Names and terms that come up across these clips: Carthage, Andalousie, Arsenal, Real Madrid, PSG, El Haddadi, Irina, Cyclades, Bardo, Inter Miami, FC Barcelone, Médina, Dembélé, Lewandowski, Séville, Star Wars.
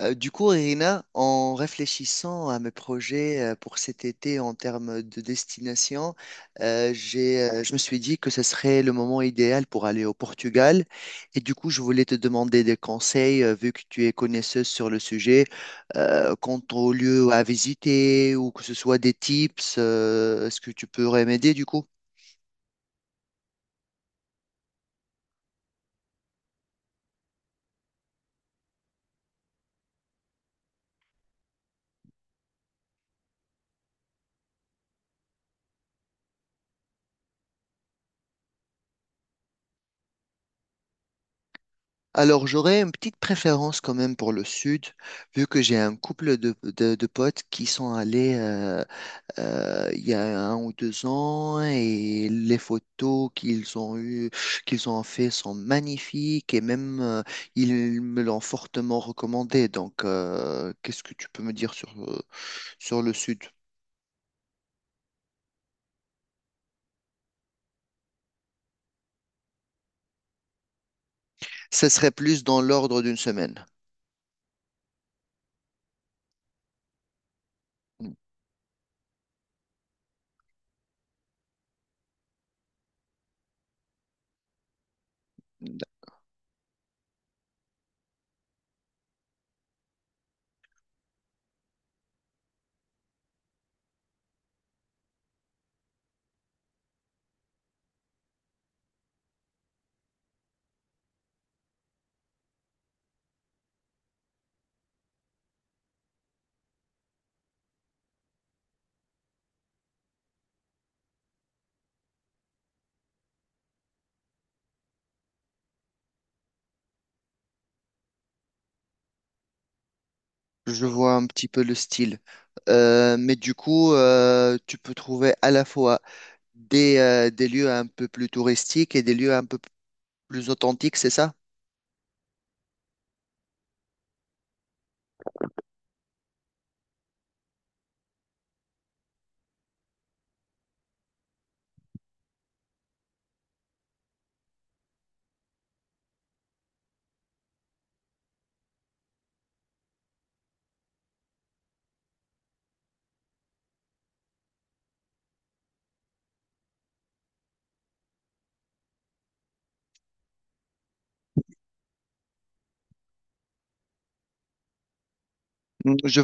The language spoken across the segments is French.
Du coup, Irina, en réfléchissant à mes projets pour cet été en termes de destination, je me suis dit que ce serait le moment idéal pour aller au Portugal. Et du coup, je voulais te demander des conseils, vu que tu es connaisseuse sur le sujet, quant aux lieux à visiter ou que ce soit des tips, est-ce que tu pourrais m'aider du coup? Alors, j'aurais une petite préférence quand même pour le sud, vu que j'ai un couple de potes qui sont allés il y a 1 ou 2 ans et les photos qu'ils ont eu, qu'ils ont fait sont magnifiques et même ils me l'ont fortement recommandé. Donc, qu'est-ce que tu peux me dire sur le sud? Ce serait plus dans l'ordre d'une semaine. Je vois un petit peu le style. Mais du coup, tu peux trouver à la fois des lieux un peu plus touristiques et des lieux un peu plus authentiques, c'est ça? Mm, Je,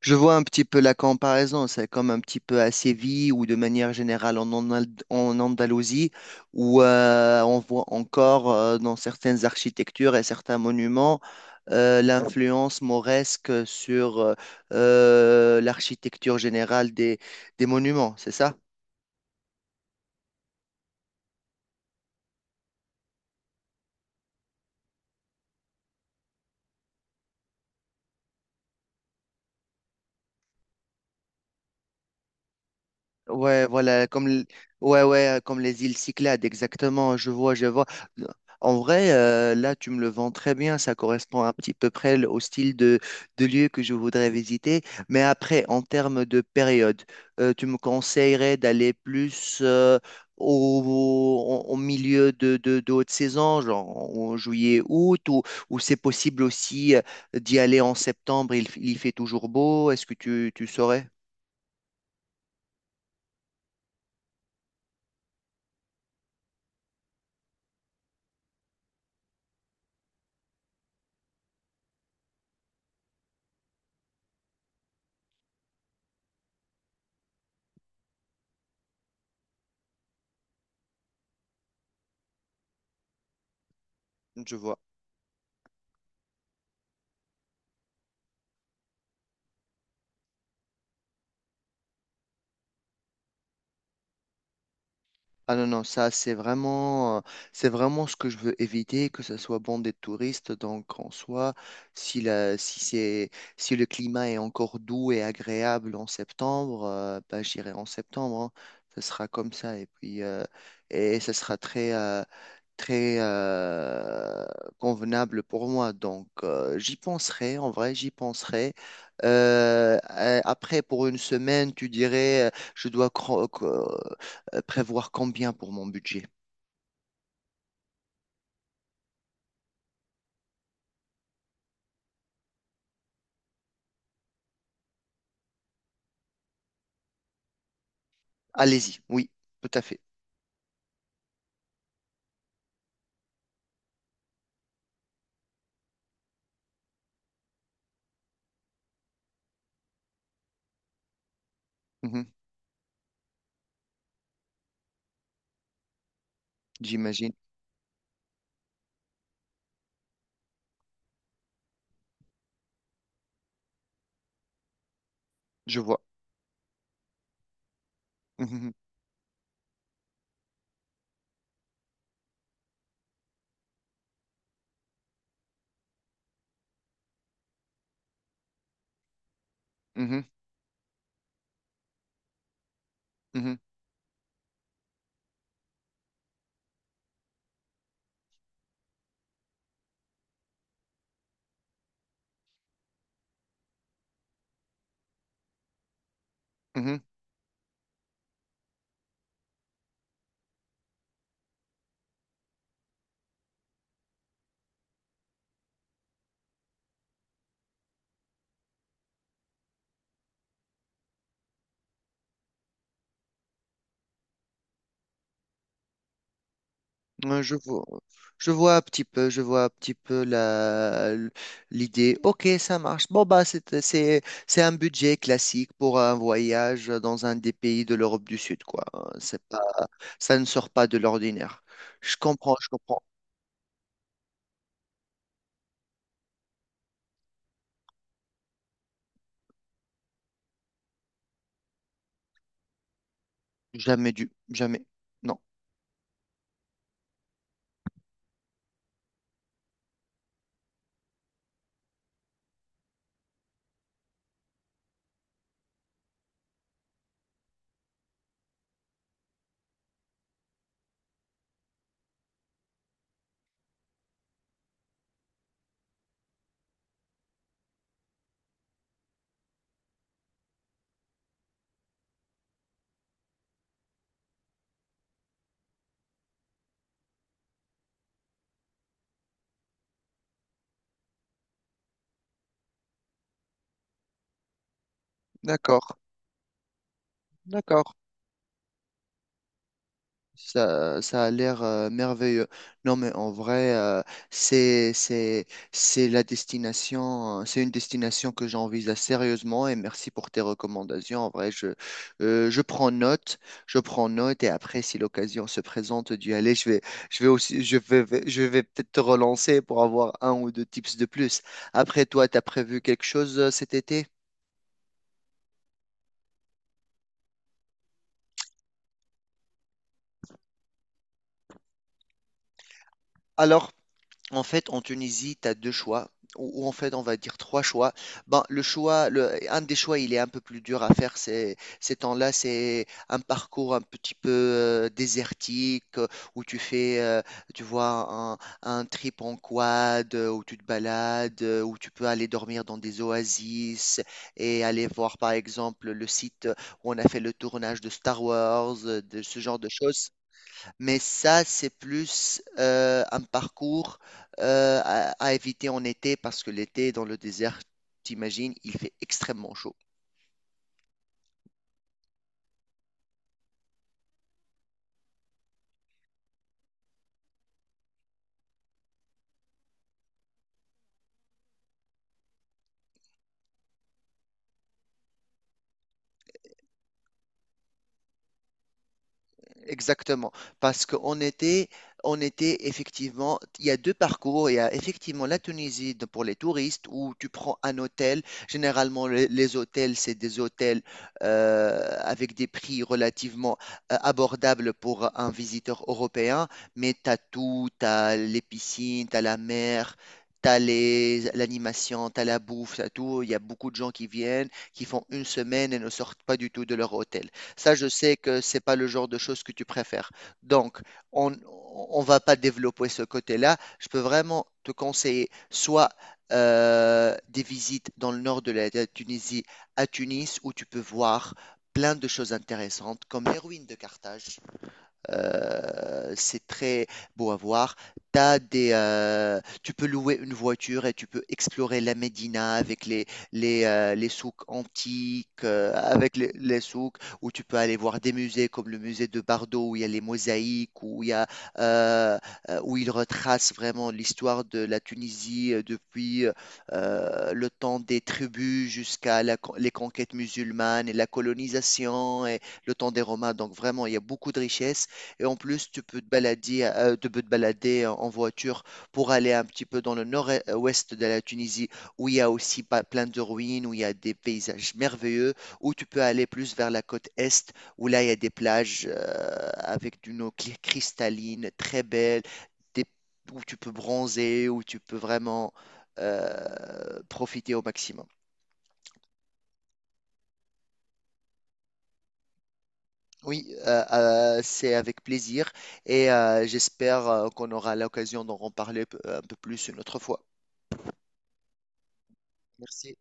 je vois un petit peu la comparaison, c'est comme un petit peu à Séville ou de manière générale en Andalousie, où on voit encore dans certaines architectures et certains monuments l'influence mauresque sur l'architecture générale des monuments, c'est ça? Ouais, voilà, ouais, ouais, comme les îles Cyclades, exactement, je vois, je vois. En vrai, là, tu me le vends très bien, ça correspond à petit peu près au style de lieu que je voudrais visiter. Mais après, en termes de période, tu me conseillerais d'aller plus au, au milieu de haute saison, genre en juillet, août, ou c'est possible aussi d'y aller en septembre, il fait toujours beau, est-ce que tu saurais? Je vois. Ah non, non, ça c'est vraiment ce que je veux éviter, que ce soit bon des touristes. Donc en soi, si, la, si, c'est, si le climat est encore doux et agréable en septembre, bah, j'irai en septembre, hein. Ce sera comme ça. Et puis, et ce sera très convenable pour moi. Donc j'y penserai, en vrai, j'y penserai. Après, pour une semaine, tu dirais, je dois prévoir combien pour mon budget? Allez-y, oui, tout à fait. Mhm. J'imagine, je vois. Mhm, mhm, mhm, mhm. Ouais, je vois, je vois un petit peu, je vois un petit peu l'idée. Ok, ça marche. Bon, bah, c'est un budget classique pour un voyage dans un des pays de l'Europe du Sud, quoi. C'est pas, ça ne sort pas de l'ordinaire. Je comprends, je comprends. Jamais dû, jamais. Non. D'accord, d'accord. Ça a l'air merveilleux. Non, mais en vrai, c'est, c'est, c'est la destination, c'est une destination que j'envisage sérieusement et merci pour tes recommandations. En vrai, je prends note, je prends note et après, si l'occasion se présente d'y aller, je vais aussi, je vais peut-être te relancer pour avoir un ou deux tips de plus. Après, toi, tu as prévu quelque chose cet été? Alors, en fait, en Tunisie, tu as deux choix, ou en fait, on va dire trois choix. Ben, un des choix, il est un peu plus dur à faire ces temps-là. C'est un parcours un petit peu désertique, où tu vois, un trip en quad, où tu te balades, où tu peux aller dormir dans des oasis et aller voir, par exemple, le site où on a fait le tournage de Star Wars, de ce genre de choses. Mais ça, c'est plus un parcours à éviter en été parce que l'été dans le désert, t'imagines, il fait extrêmement chaud. Exactement, parce qu'on était effectivement, il y a 2 parcours, il y a effectivement la Tunisie pour les touristes où tu prends un hôtel, généralement les hôtels, c'est des hôtels avec des prix relativement abordables pour un visiteur européen, mais tu as tout, tu as les piscines, tu as la mer. T'as l'animation, t'as la bouffe, t'as tout. Il y a beaucoup de gens qui viennent, qui font une semaine et ne sortent pas du tout de leur hôtel. Ça, je sais que c'est pas le genre de choses que tu préfères. Donc, on on va pas développer ce côté-là. Je peux vraiment te conseiller soit des visites dans le nord de la Tunisie, à Tunis, où tu peux voir plein de choses intéressantes, comme les ruines de Carthage. C'est très beau à voir. Tu peux louer une voiture et tu peux explorer la Médina avec les souks antiques, avec les souks où tu peux aller voir des musées comme le musée de Bardo où il y a les mosaïques, euh, où il retrace vraiment l'histoire de la Tunisie depuis le temps des tribus jusqu'à les conquêtes musulmanes et la colonisation et le temps des Romains. Donc vraiment, il y a beaucoup de richesses. Et en plus, tu peux te balader, tu peux te balader en voiture pour aller un petit peu dans le nord-ouest de la Tunisie, où il y a aussi plein de ruines, où il y a des paysages merveilleux, où tu peux aller plus vers la côte est, où là, il y a des plages avec d'une eau cristalline, très belle, des- où tu peux bronzer, où tu peux vraiment profiter au maximum. Oui, c'est avec plaisir et j'espère qu'on aura l'occasion d'en reparler un peu plus une autre fois. Merci.